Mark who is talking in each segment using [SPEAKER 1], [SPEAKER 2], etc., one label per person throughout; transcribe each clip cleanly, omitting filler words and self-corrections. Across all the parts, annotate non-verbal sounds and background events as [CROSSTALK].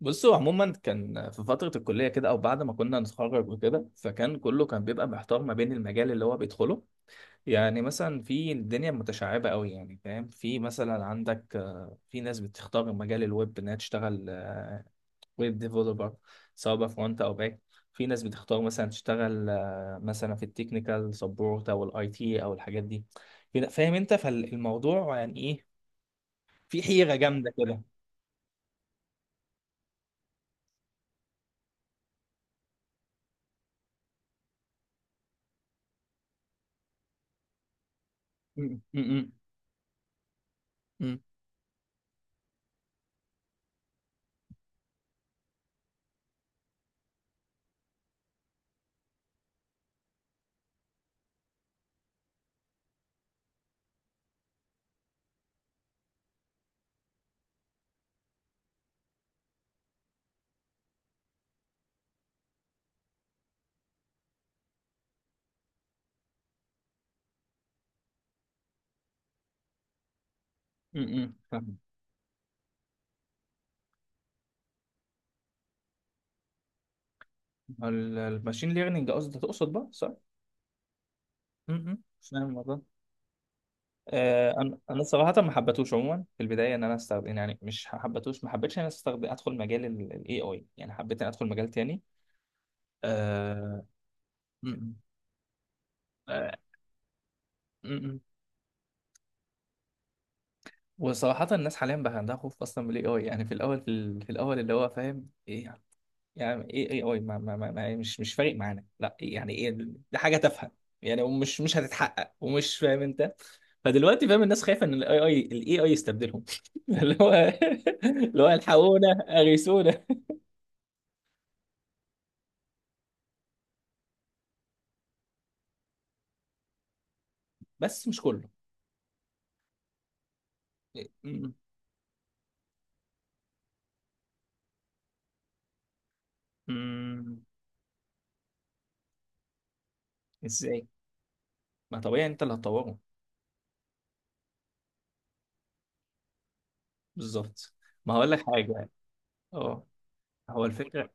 [SPEAKER 1] بصوا عموما كان في فترة الكلية كده أو بعد ما كنا نتخرج وكده فكان كله كان بيبقى محتار ما بين المجال اللي هو بيدخله. يعني مثلا في الدنيا متشعبة قوي، يعني فاهم، في مثلا عندك، في ناس بتختار مجال الويب إنها تشتغل ويب ديفلوبر، سواء بقى فرونت أو باك. في ناس بتختار مثلا تشتغل، مثلا في التكنيكال سبورت أو الأي تي أو الحاجات دي، كده فاهم أنت فالموضوع يعني إيه. في حيرة جامدة كده. م- م- م- م- فاهمك. الماشين ليرنينج قصدي تقصد بقى، صح؟ م- م. فاهم الموضوع. آه، انا انا صراحه ما حبيتهوش عموما في البدايه ان انا استخدم، مش حبيتهوش، ما حبيتش ان انا استخدم ادخل مجال الاي اي. يعني حبيت ان ادخل مجال تاني. آه، م- م. آه، م- م. وصراحه الناس حاليا بقى عندها خوف اصلا من الاي اي. يعني في الاول، في الاول، اللي هو فاهم ايه يعني، ايه ايه اي يعني مش فارق معانا، لا يعني ايه، دي حاجه تافهه يعني، مش هتتحقق، ومش فاهم انت. فدلوقتي فاهم، الناس خايفه ان الاي اي، الاي اي يستبدلهم [LAUGHS] اللي هو، اللي هو، الحقونا، اغيثونا. بس مش كله. إيه، م- ازاي؟ ما طبيعي انت اللي هتطوره. بالظبط. ما هقول لك حاجه. اه. هو الفكره،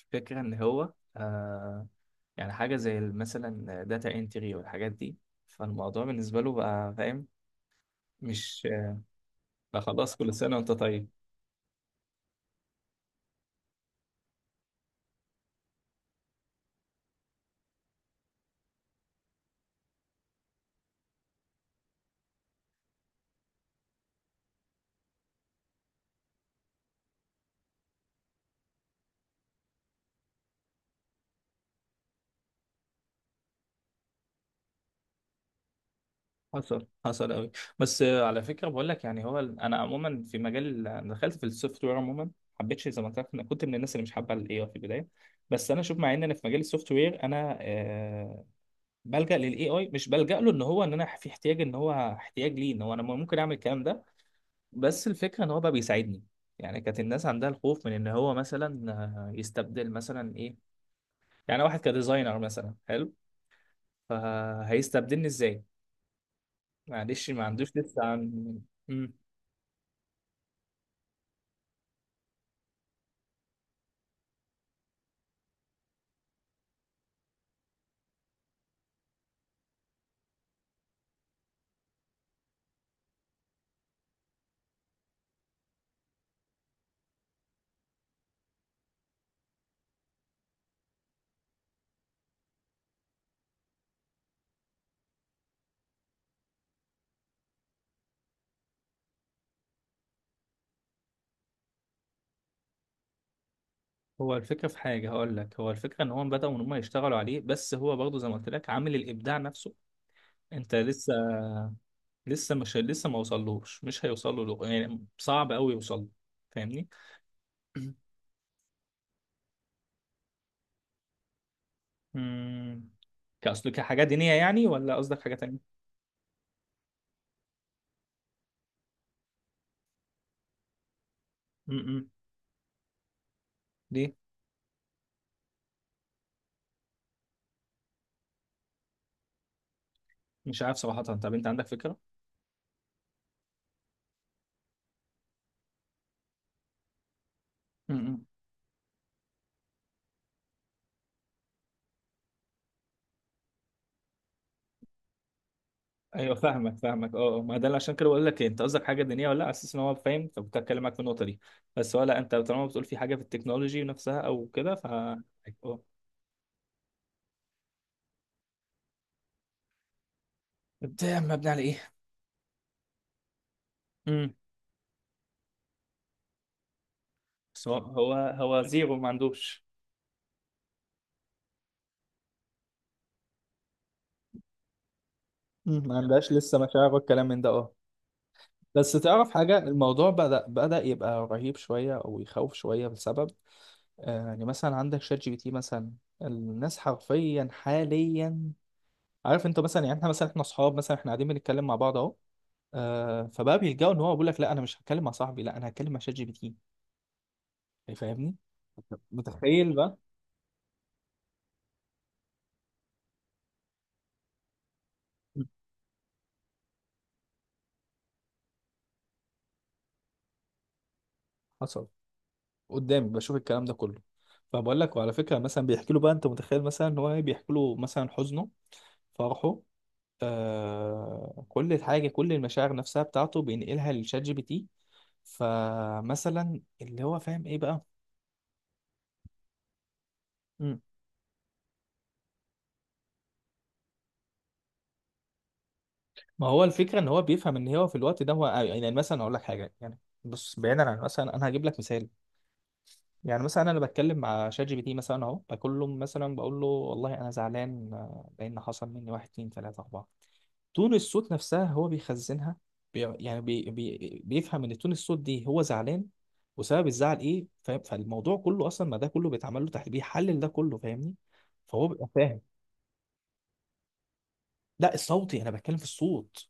[SPEAKER 1] الفكره ان هو آه، يعني حاجه زي مثلا داتا انتري والحاجات دي، فالموضوع بالنسبه له بقى فاهم مش... لا خلاص، كل سنة وانت طيب. حصل، حصل قوي. بس آه، على فكرة بقول لك، يعني هو انا عموما في مجال، أنا دخلت في السوفت وير عموما ما حبيتش، زي ما قلت لك انا كنت من الناس اللي مش حابة الاي اي في البداية. بس انا شوف، مع ان انا في مجال السوفت وير، انا آه بلجأ للاي اي. مش بلجأ له ان هو ان انا في احتياج، ان هو احتياج ليه، ان هو انا ممكن اعمل الكلام ده. بس الفكرة ان هو بقى بيساعدني. يعني كانت الناس عندها الخوف من ان هو مثلا آه، يستبدل مثلا ايه. يعني واحد كديزاينر مثلا حلو، فهيستبدلني ازاي. معلش ما عندوش لسه عن... مم. هو الفكرة في حاجة هقول لك، هو الفكرة ان هم بدأوا ان هم يشتغلوا عليه، بس هو برضه زي ما قلت لك عامل الابداع نفسه، انت لسه، لسه مش لسه ما وصلوش، مش هيوصل له، يعني صعب قوي يوصل له. فاهمني. امم. كأصل كحاجة دينية يعني، ولا قصدك حاجة تانية؟ امم. ليه؟ مش عارف صراحة، طب انت عندك فكرة. ايوه فاهمك، فاهمك. اه آه، ما ده اللي عشان كده بقول لك إيه، انت قصدك حاجه دينيه ولا لا، على اساس ان هو فاهم، فكنت هتكلم معاك في النقطه دي، بس ولا انت طالما بتقول في حاجه في التكنولوجي نفسها او كده ف... اه. ده مبني على ايه؟ امم. سواء هو، هو زيرو ما عندوش. مم، ما عندهاش لسه مشاعر والكلام من ده، اه. بس تعرف حاجة، الموضوع بدأ يبقى رهيب شوية أو يخوف شوية بسبب آه، يعني مثلا عندك شات جي بي تي مثلا. الناس حرفيا حاليا، عارف انت مثلا، يعني احنا مثلا، احنا اصحاب مثلا، احنا قاعدين بنتكلم مع بعض اهو، آه، فبقى بيلجأوا ان هو بيقول لك لا انا مش هتكلم مع صاحبي، لا انا هتكلم مع شات جي بي تي. يعني فاهمني، متخيل بقى؟ حصل، قدامي بشوف الكلام ده كله. فبقول لك، وعلى فكره مثلا بيحكي له بقى، انت متخيل مثلا ان هو إيه؟ بيحكي له مثلا حزنه، فرحه، آه، كل حاجه، كل المشاعر نفسها بتاعته بينقلها للشات جي بي تي. فمثلا اللي هو فاهم ايه بقى. مم. ما هو الفكره ان هو بيفهم ان هو في الوقت ده، هو يعني مثلا اقول لك حاجه يعني، بص بعيدا عن مثلا، انا هجيب لك مثال. يعني مثلا انا بتكلم مع شات جي بي تي مثلا اهو، بقول له مثلا، بقول له والله انا زعلان، لان حصل مني واحد اتنين تلاته اربعه. تون الصوت نفسها هو بيخزنها. بي يعني بي بي بيفهم ان تون الصوت دي هو زعلان، وسبب الزعل ايه، فاهم؟ فالموضوع كله اصلا، ما ده كله بيتعمل له تحليل، بيحلل ده كله، فاهمني. فهو بيبقى فاهم. لا الصوتي، انا بتكلم في الصوت.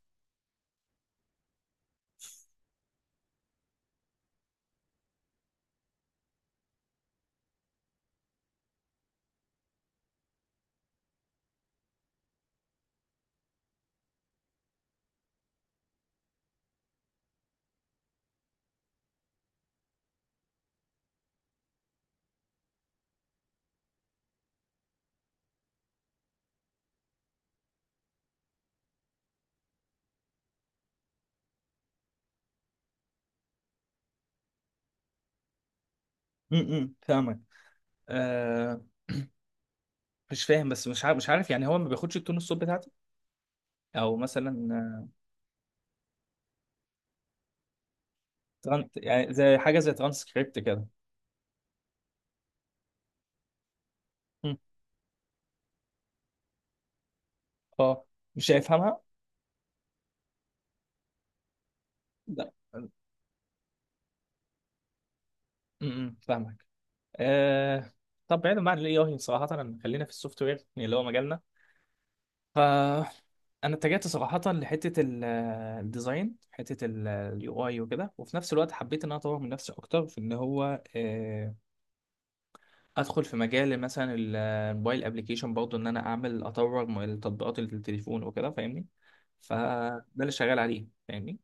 [SPEAKER 1] فاهمك. آه. مش فاهم، بس مش عارف، مش عارف، يعني هو ما بياخدش التون الصوت بتاعتي، او مثلا آه، يعني زي حاجه زي ترانسكريبت كده. اه. مش هيفهمها. لا. فاهمك. آه. طب بعيدا عن الاي اي صراحه، خلينا في السوفت وير يعني اللي هو مجالنا. ف انا اتجهت صراحه لحته الديزاين، حته اليو اي وكده، وفي نفس الوقت حبيت ان انا اطور من نفسي اكتر في ان هو آه، ادخل في مجال مثلا الموبايل ابلكيشن برضه، ان انا اعمل اطور التطبيقات اللي في التليفون وكده، فاهمني. فده اللي شغال عليه، فاهمني.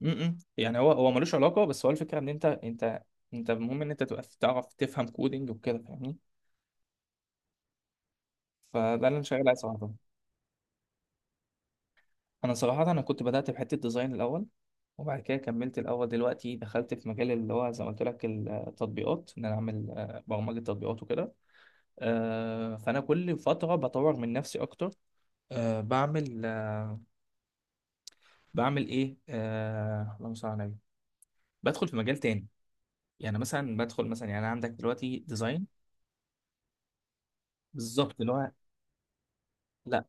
[SPEAKER 1] م-م. يعني هو، هو ملوش علاقه، بس هو الفكره ان انت، انت المهم ان انت تبقى تعرف تفهم كودينج وكده فاهمني. فده اللي انا شغال عليه صراحه. انا صراحه انا كنت بدات بحته ديزاين الاول، وبعد كده كملت، الاول دلوقتي دخلت في مجال اللي هو زي ما قلت لك التطبيقات، ان انا اعمل آه، برمجه تطبيقات وكده. آه، فانا كل فتره بطور من نفسي اكتر، آه، بعمل آه، بعمل ايه آه، اللهم صل على النبي، بدخل في مجال تاني. يعني مثلا بدخل مثلا يعني، أنا عندك دلوقتي ديزاين. بالظبط اللي هو. لا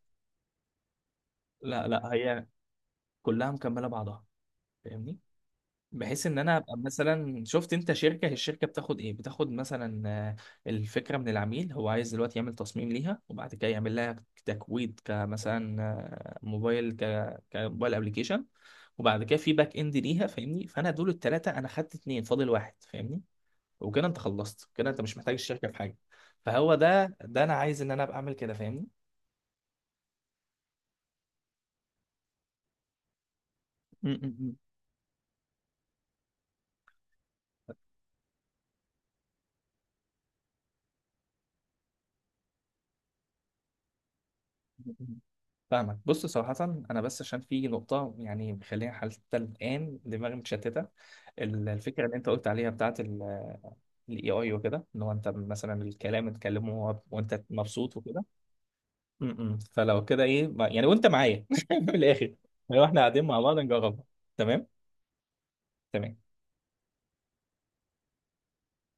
[SPEAKER 1] لا لا، هي كلها مكمله بعضها، فاهمني. بحيث ان انا ابقى مثلا، شفت انت شركه هي الشركه بتاخد ايه، بتاخد مثلا آه، الفكره من العميل، هو عايز دلوقتي يعمل تصميم ليها، وبعد كده يعمل لها تكويد كمثلا آه، موبايل كموبايل ابلكيشن، وبعد كده في باك اند ليها، فاهمني. فانا دول الثلاثه انا خدت اتنين، فاضل واحد، فاهمني. وكده انت خلصت كده، انت مش محتاج الشركه في حاجه. فهو ده ده انا عايز ان انا ابقى اعمل كده، فاهمني. م- م- م. فاهمك. بص صراحة، أنا بس عشان في نقطة يعني مخليها حتى الآن دماغي متشتتة. الفكرة اللي أنت قلت عليها بتاعة ال AI وكده، إن هو أنت مثلا الكلام تكلمه، وأنت مبسوط وكده. م- م. فلو كده إيه يعني وأنت معايا [LAUGHS] من الآخر. لو إحنا قاعدين مع بعض نجربها، تمام. تمام.